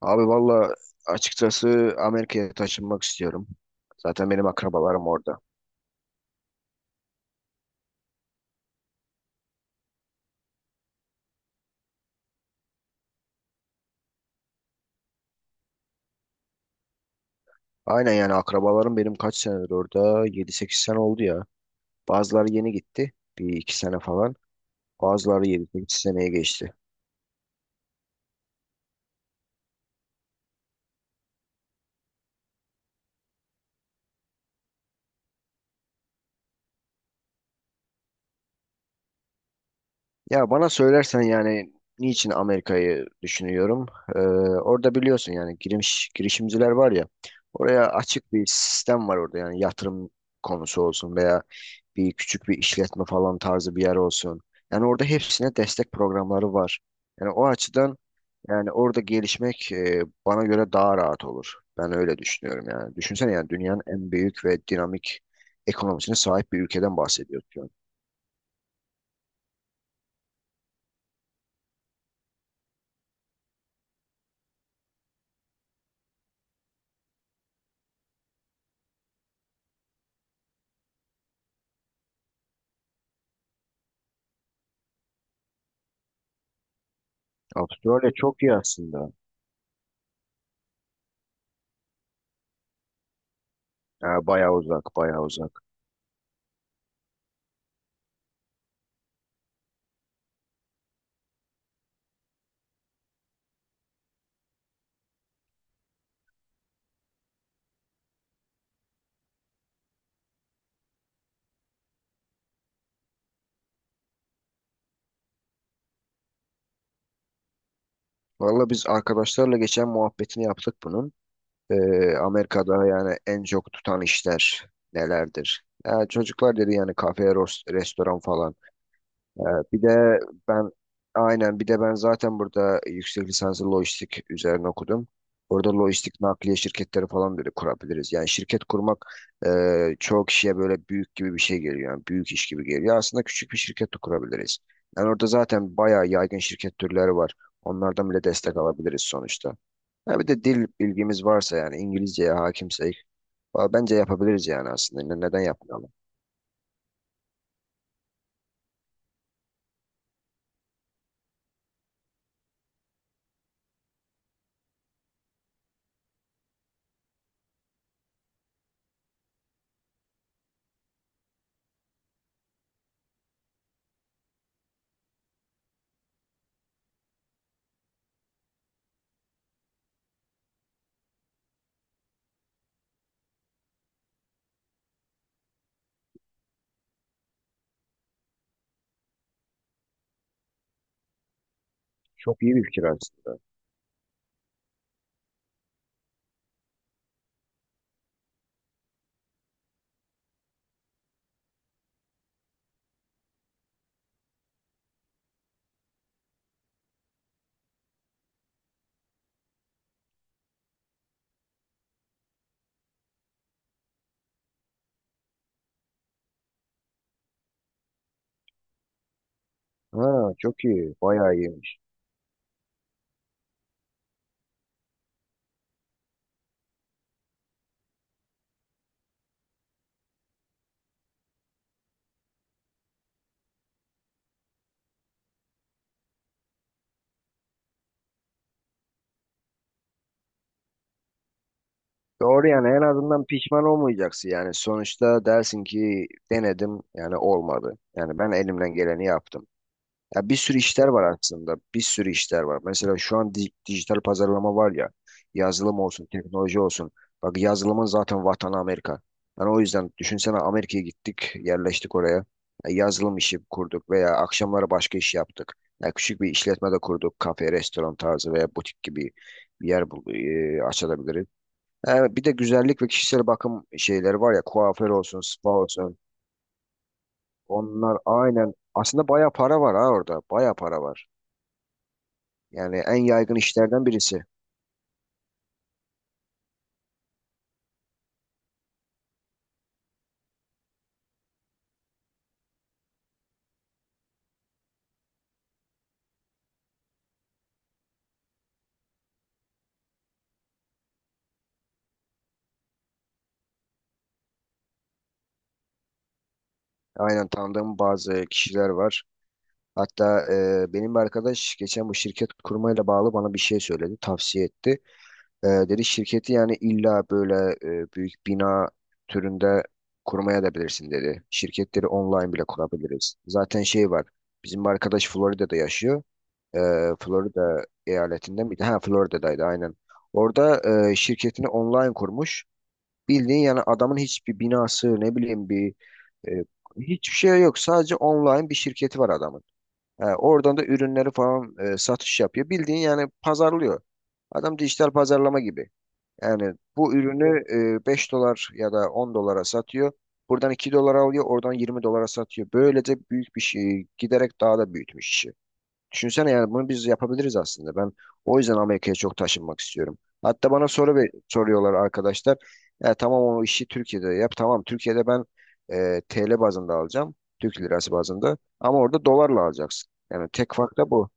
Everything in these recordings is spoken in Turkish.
Abi valla açıkçası Amerika'ya taşınmak istiyorum. Zaten benim akrabalarım orada. Aynen yani akrabalarım benim kaç senedir orada? 7-8 sene oldu ya. Bazıları yeni gitti. Bir iki sene falan. Bazıları 7-8 seneye geçti. Ya bana söylersen yani niçin Amerika'yı düşünüyorum? Ee, orada biliyorsun yani girişimciler var ya. Oraya açık bir sistem var orada yani yatırım konusu olsun veya bir küçük bir işletme falan tarzı bir yer olsun. Yani orada hepsine destek programları var. Yani o açıdan yani orada gelişmek bana göre daha rahat olur. Ben öyle düşünüyorum yani. Düşünsene yani dünyanın en büyük ve dinamik ekonomisine sahip bir ülkeden bahsediyoruz şu an. Avustralya çok iyi aslında. Yani bayağı uzak, bayağı uzak. Valla biz arkadaşlarla geçen muhabbetini yaptık bunun. Amerika'da yani en çok tutan işler nelerdir? Ya çocuklar dedi yani kafe, restoran falan. Ee, bir de ben aynen bir de ben zaten burada yüksek lisansı lojistik üzerine okudum. Orada lojistik nakliye şirketleri falan böyle kurabiliriz. Yani şirket kurmak e, çoğu kişiye böyle büyük gibi bir şey geliyor. Yani büyük iş gibi geliyor. Aslında küçük bir şirket de kurabiliriz. Yani orada zaten bayağı yaygın şirket türleri var. Onlardan bile destek alabiliriz sonuçta. Ha bir de dil bilgimiz varsa yani İngilizceye hakimsek valla bence yapabiliriz yani aslında. Neden yapmayalım? Çok iyi bir fikir aslında. Ha çok iyi. Bayağı iyi. Doğru yani en azından pişman olmayacaksın yani sonuçta dersin ki denedim yani olmadı. Yani ben elimden geleni yaptım. Ya bir sürü işler var aslında bir sürü işler var. Mesela şu an dijital pazarlama var ya yazılım olsun teknoloji olsun. Bak yazılımın zaten vatanı Amerika. Yani o yüzden düşünsene Amerika'ya gittik yerleştik oraya. Ya yazılım işi kurduk veya akşamları başka iş yaptık. Ya küçük bir işletme de kurduk kafe restoran tarzı veya butik gibi bir yer açabiliriz. Bir de güzellik ve kişisel bakım şeyleri var ya kuaför olsun, spa olsun. Onlar aynen aslında baya para var ha orada. Baya para var. Yani en yaygın işlerden birisi. Aynen tanıdığım bazı kişiler var. Hatta benim bir arkadaş geçen bu şirket kurmayla bağlı bana bir şey söyledi, tavsiye etti. Dedi şirketi yani illa böyle büyük bina türünde kurmaya da bilirsin dedi. Şirketleri online bile kurabiliriz. Zaten şey var. Bizim bir arkadaş Florida'da yaşıyor. e, Florida eyaletinde miydi? Ha Florida'daydı aynen. Orada şirketini online kurmuş. Bildiğin yani adamın hiçbir binası ne bileyim e, hiçbir şey yok. Sadece online bir şirketi var adamın. Oradan da ürünleri falan satış yapıyor. Bildiğin yani pazarlıyor. Adam dijital pazarlama gibi. Yani bu ürünü 5 dolar ya da 10 dolara satıyor. Buradan 2 dolara alıyor, oradan 20 dolara satıyor. Böylece büyük bir şey giderek daha da büyütmüş işi. Düşünsene yani bunu biz yapabiliriz aslında. Ben o yüzden Amerika'ya çok taşınmak istiyorum. Hatta bana soruyorlar arkadaşlar. Ya tamam o işi Türkiye'de yap. Tamam Türkiye'de ben TL bazında alacağım. Türk lirası bazında. Ama orada dolarla alacaksın. Yani tek fark da bu.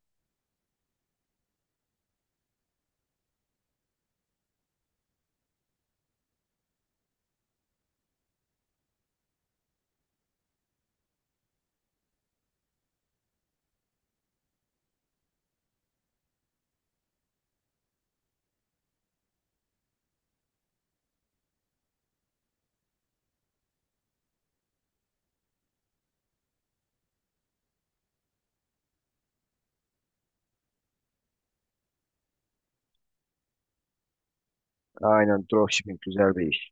Aynen dropshipping güzel bir iş.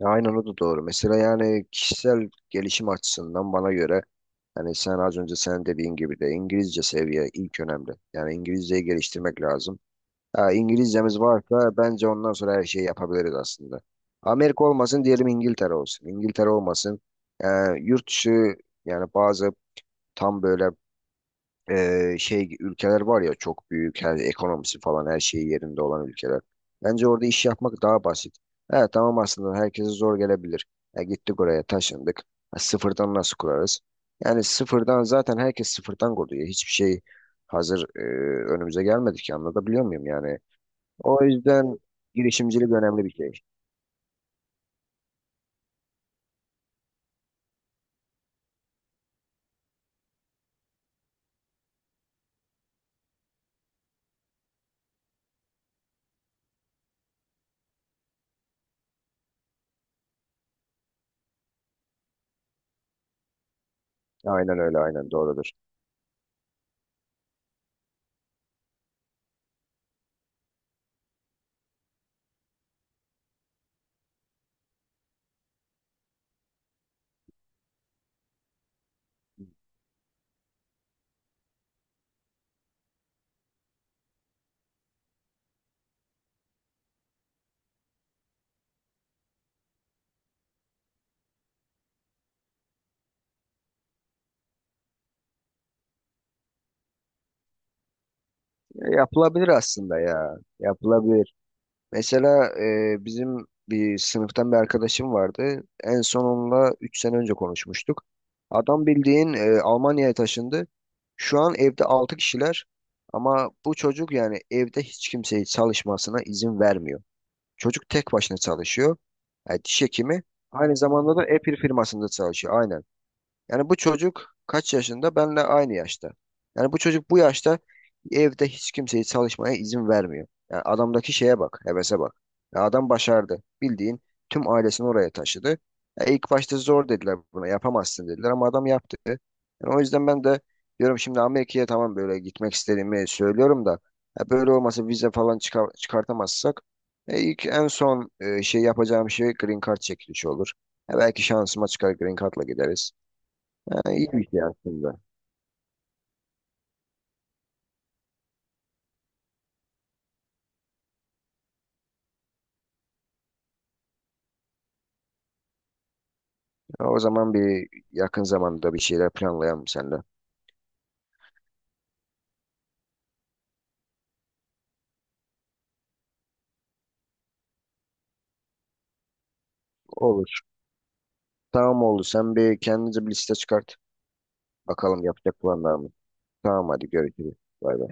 Ya aynen o da doğru. Mesela yani kişisel gelişim açısından bana göre hani sen az önce sen dediğin gibi de İngilizce seviye ilk önemli. Yani İngilizceyi geliştirmek lazım. Ya İngilizcemiz varsa bence ondan sonra her şeyi yapabiliriz aslında. Amerika olmasın diyelim İngiltere olsun. İngiltere olmasın. Ee, yurt dışı yani bazı tam böyle şey ülkeler var ya çok büyük her ekonomisi falan her şeyi yerinde olan ülkeler. Bence orada iş yapmak daha basit. Evet tamam aslında herkese zor gelebilir. Ya gittik oraya taşındık. Ha, sıfırdan nasıl kurarız? Yani sıfırdan zaten herkes sıfırdan kuruyor. Hiçbir şey hazır önümüze gelmedi ki anlatabiliyor muyum yani? O yüzden girişimcilik önemli bir şey. Aynen öyle, aynen doğrudur. Ya, yapılabilir aslında ya. Yapılabilir. Mesela bizim bir sınıftan bir arkadaşım vardı. En son onunla 3 sene önce konuşmuştuk. Adam bildiğin Almanya'ya taşındı. Şu an evde 6 kişiler ama bu çocuk yani evde hiç kimseyi çalışmasına izin vermiyor. Çocuk tek başına çalışıyor. Yani diş hekimi. Aynı zamanda da Apple firmasında çalışıyor. Aynen. Yani bu çocuk kaç yaşında? Benle aynı yaşta. Yani bu çocuk bu yaşta evde hiç kimseyi çalışmaya izin vermiyor. Yani adamdaki şeye bak, hevese bak. Ya adam başardı. Bildiğin tüm ailesini oraya taşıdı. Ya ilk başta zor dediler buna, yapamazsın dediler ama adam yaptı. Yani o yüzden ben de diyorum şimdi Amerika'ya tamam böyle gitmek istediğimi söylüyorum da ya böyle olmasa vize falan çıkar, çıkartamazsak ilk en son şey yapacağım şey green card çekilişi olur. Ya belki şansıma çıkar green card'la gideriz. Ha, iyi bir şey aslında. Ha, o zaman bir yakın zamanda bir şeyler planlayalım seninle. Olur. Tamam oldu. Sen bir kendinize bir liste çıkart. Bakalım yapacak planlar mı? Tamam hadi görüşürüz. Bay bay.